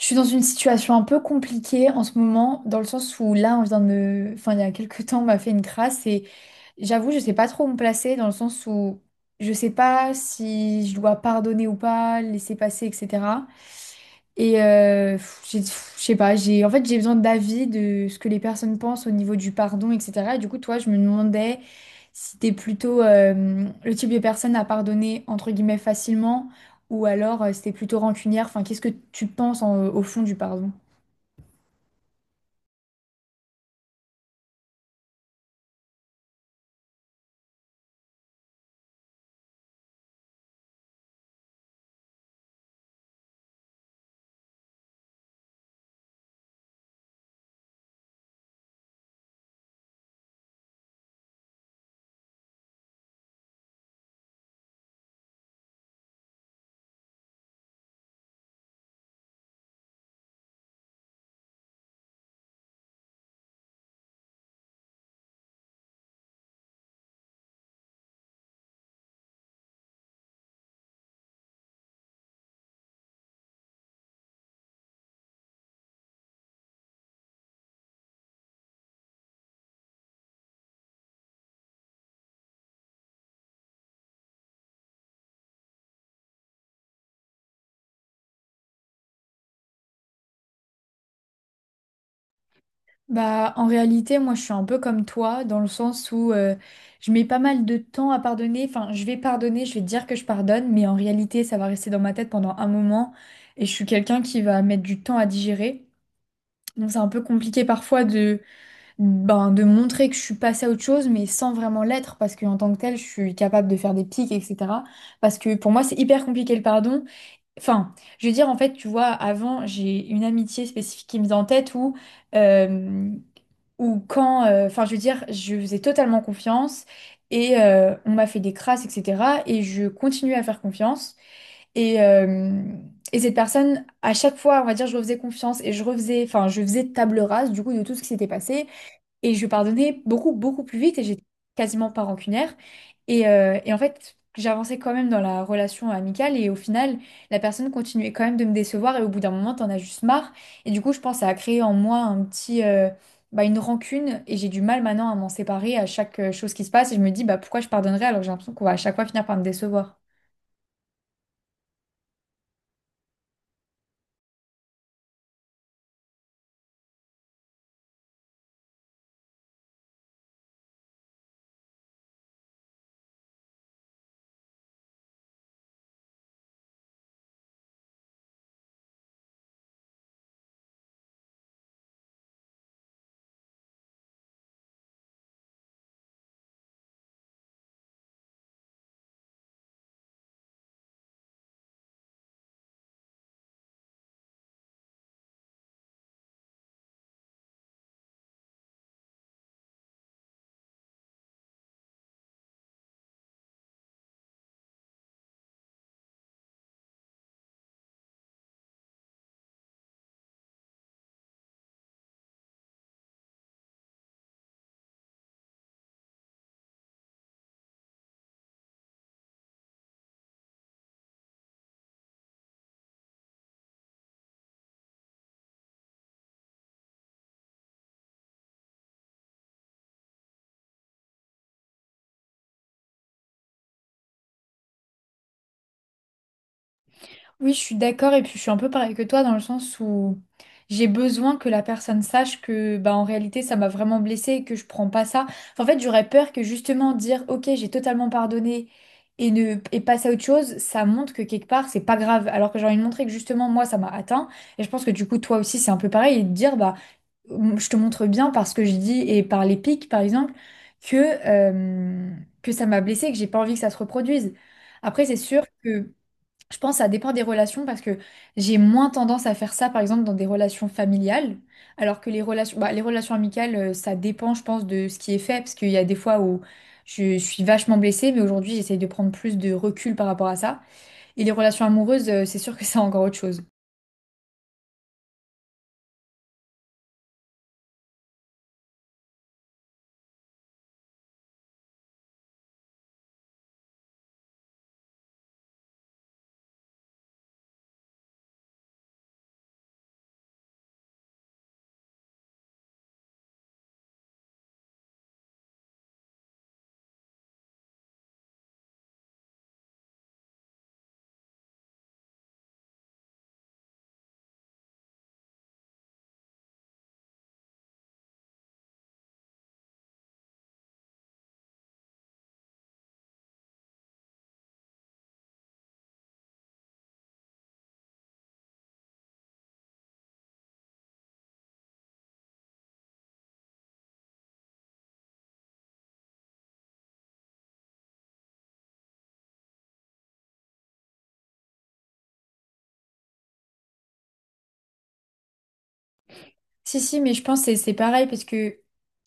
Je suis dans une situation un peu compliquée en ce moment, dans le sens où là, on vient de... Enfin, il y a quelques temps, on m'a fait une crasse et j'avoue, je sais pas trop où me placer, dans le sens où je sais pas si je dois pardonner ou pas, laisser passer, etc. Je sais pas, j'ai en fait j'ai besoin d'avis de ce que les personnes pensent au niveau du pardon, etc. Et du coup, toi, je me demandais si t'es plutôt le type de personne à pardonner entre guillemets facilement ou alors si t'es plutôt rancunière. Enfin, qu'est-ce que tu penses au fond du pardon? Bah, en réalité, moi, je suis un peu comme toi dans le sens où je mets pas mal de temps à pardonner. Enfin, je vais pardonner, je vais dire que je pardonne, mais en réalité, ça va rester dans ma tête pendant un moment et je suis quelqu'un qui va mettre du temps à digérer. Donc c'est un peu compliqué parfois de, ben, de montrer que je suis passée à autre chose, mais sans vraiment l'être, parce qu'en tant que telle, je suis capable de faire des pics, etc. Parce que pour moi, c'est hyper compliqué le pardon. Enfin, je veux dire, en fait, tu vois, avant, j'ai une amitié spécifique qui me vient en tête euh, où quand, enfin, je veux dire, je faisais totalement confiance et on m'a fait des crasses, etc. Et je continue à faire confiance. Et, euh, et cette personne, à chaque fois, on va dire, je refaisais confiance et je refaisais, enfin, je faisais table rase du coup de tout ce qui s'était passé et je pardonnais beaucoup, beaucoup plus vite et j'étais quasiment pas rancunière. Et en fait, j'avançais quand même dans la relation amicale et au final, la personne continuait quand même de me décevoir et au bout d'un moment, t'en as juste marre. Et du coup, je pense à créer en moi un petit, bah, une rancune et j'ai du mal maintenant à m'en séparer à chaque chose qui se passe et je me dis, bah, pourquoi je pardonnerais alors que j'ai l'impression qu'on va à chaque fois finir par me décevoir. Oui, je suis d'accord et puis je suis un peu pareil que toi dans le sens où j'ai besoin que la personne sache que bah en réalité ça m'a vraiment blessée et que je prends pas ça. Enfin, en fait, j'aurais peur que justement dire OK, j'ai totalement pardonné et ne et passer à autre chose, ça montre que quelque part c'est pas grave alors que j'ai envie de montrer que justement moi ça m'a atteint et je pense que du coup toi aussi c'est un peu pareil et de dire bah je te montre bien parce que je dis et par les pics par exemple que euh, que ça m'a blessée et que j'ai pas envie que ça se reproduise. Après, c'est sûr que je pense que ça dépend des relations parce que j'ai moins tendance à faire ça, par exemple, dans des relations familiales, alors que les relations, bah, les relations amicales, ça dépend, je pense, de ce qui est fait, parce qu'il y a des fois où je suis vachement blessée, mais aujourd'hui, j'essaye de prendre plus de recul par rapport à ça. Et les relations amoureuses, c'est sûr que c'est encore autre chose. Si, si, mais je pense que c'est pareil parce que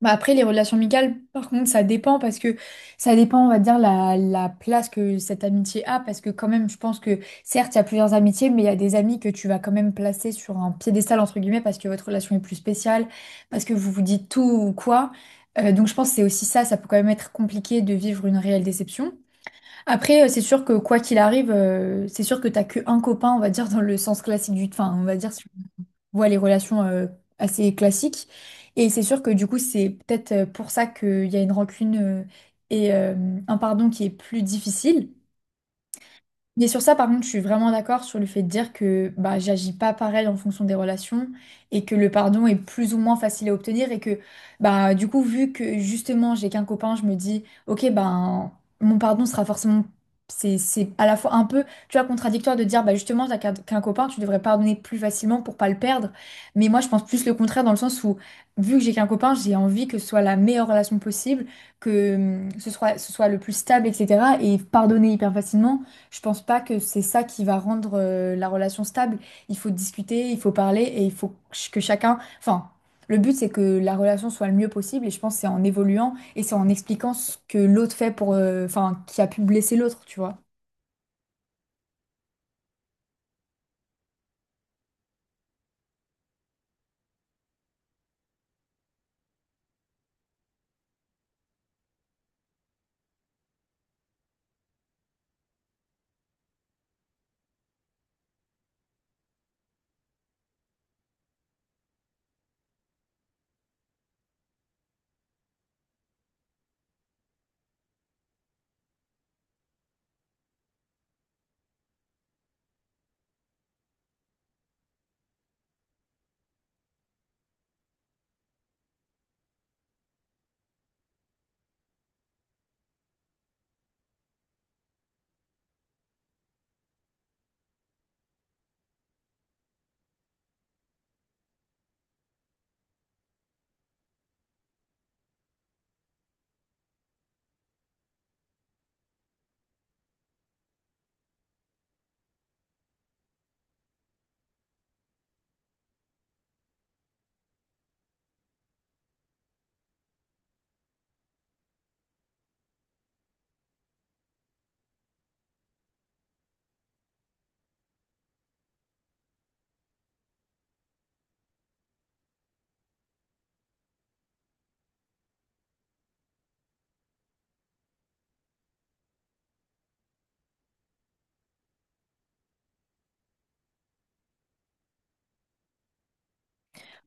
bah après, les relations amicales, par contre, ça dépend parce que ça dépend, on va dire, la place que cette amitié a. Parce que quand même, je pense que certes, il y a plusieurs amitiés, mais il y a des amis que tu vas quand même placer sur un piédestal, entre guillemets, parce que votre relation est plus spéciale, parce que vous vous dites tout ou quoi. Donc je pense que c'est aussi ça, ça peut quand même être compliqué de vivre une réelle déception. Après, c'est sûr que quoi qu'il arrive, c'est sûr que t'as que un copain, on va dire, dans le sens classique du... Enfin, on va dire, voit les relations assez classiques. Et c'est sûr que du coup, c'est peut-être pour ça qu'il y a une rancune et un pardon qui est plus difficile. Et sur ça, par contre, je suis vraiment d'accord sur le fait de dire que bah, j'agis pas pareil en fonction des relations et que le pardon est plus ou moins facile à obtenir et que bah, du coup, vu que justement j'ai qu'un copain, je me dis, ok, ben mon pardon sera forcément. C'est à la fois un peu, tu vois, contradictoire de dire, bah justement, t'as qu'un copain, tu devrais pardonner plus facilement pour pas le perdre. Mais moi, je pense plus le contraire dans le sens où, vu que j'ai qu'un copain, j'ai envie que ce soit la meilleure relation possible, que ce soit le plus stable, etc. Et pardonner hyper facilement. Je pense pas que c'est ça qui va rendre la relation stable. Il faut discuter, il faut parler et il faut que chacun... Enfin, le but c'est que la relation soit le mieux possible et je pense que c'est en évoluant et c'est en expliquant ce que l'autre fait Enfin, qui a pu blesser l'autre, tu vois.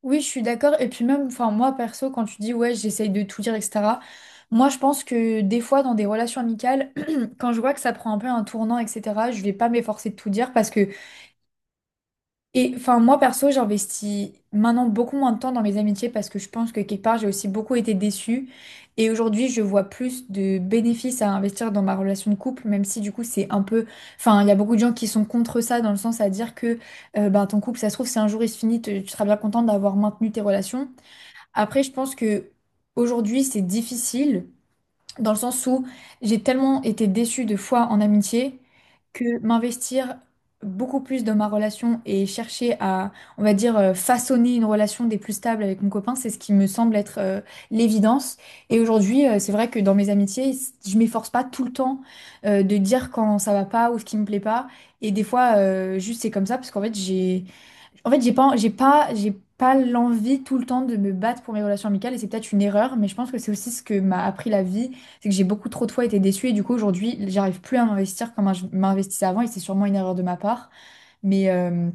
Oui, je suis d'accord. Et puis même, enfin, moi perso, quand tu dis ouais, j'essaye de tout dire, etc. Moi, je pense que des fois, dans des relations amicales, quand je vois que ça prend un peu un tournant, etc., je vais pas m'efforcer de tout dire parce que et enfin, moi perso, j'investis maintenant beaucoup moins de temps dans mes amitiés parce que je pense que quelque part, j'ai aussi beaucoup été déçue. Et aujourd'hui, je vois plus de bénéfices à investir dans ma relation de couple, même si du coup, c'est un peu. Enfin, il y a beaucoup de gens qui sont contre ça, dans le sens à dire que ben, ton couple, ça se trouve, si un jour il se finit, tu seras bien contente d'avoir maintenu tes relations. Après, je pense que aujourd'hui, c'est difficile dans le sens où j'ai tellement été déçue de fois en amitié que m'investir beaucoup plus dans ma relation et chercher à, on va dire, façonner une relation des plus stables avec mon copain, c'est ce qui me semble être l'évidence. Et aujourd'hui, c'est vrai que dans mes amitiés, je m'efforce pas tout le temps de dire quand ça va pas ou ce qui me plaît pas. Et des fois, juste c'est comme ça parce qu'en fait, j'ai pas l'envie tout le temps de me battre pour mes relations amicales et c'est peut-être une erreur, mais je pense que c'est aussi ce que m'a appris la vie, c'est que j'ai beaucoup trop de fois été déçue et du coup aujourd'hui, j'arrive plus à m'investir comme je m'investissais avant et c'est sûrement une erreur de ma part. Mais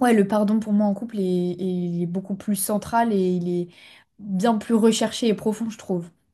ouais, le pardon pour moi en couple il est beaucoup plus central et il est bien plus recherché et profond, je trouve.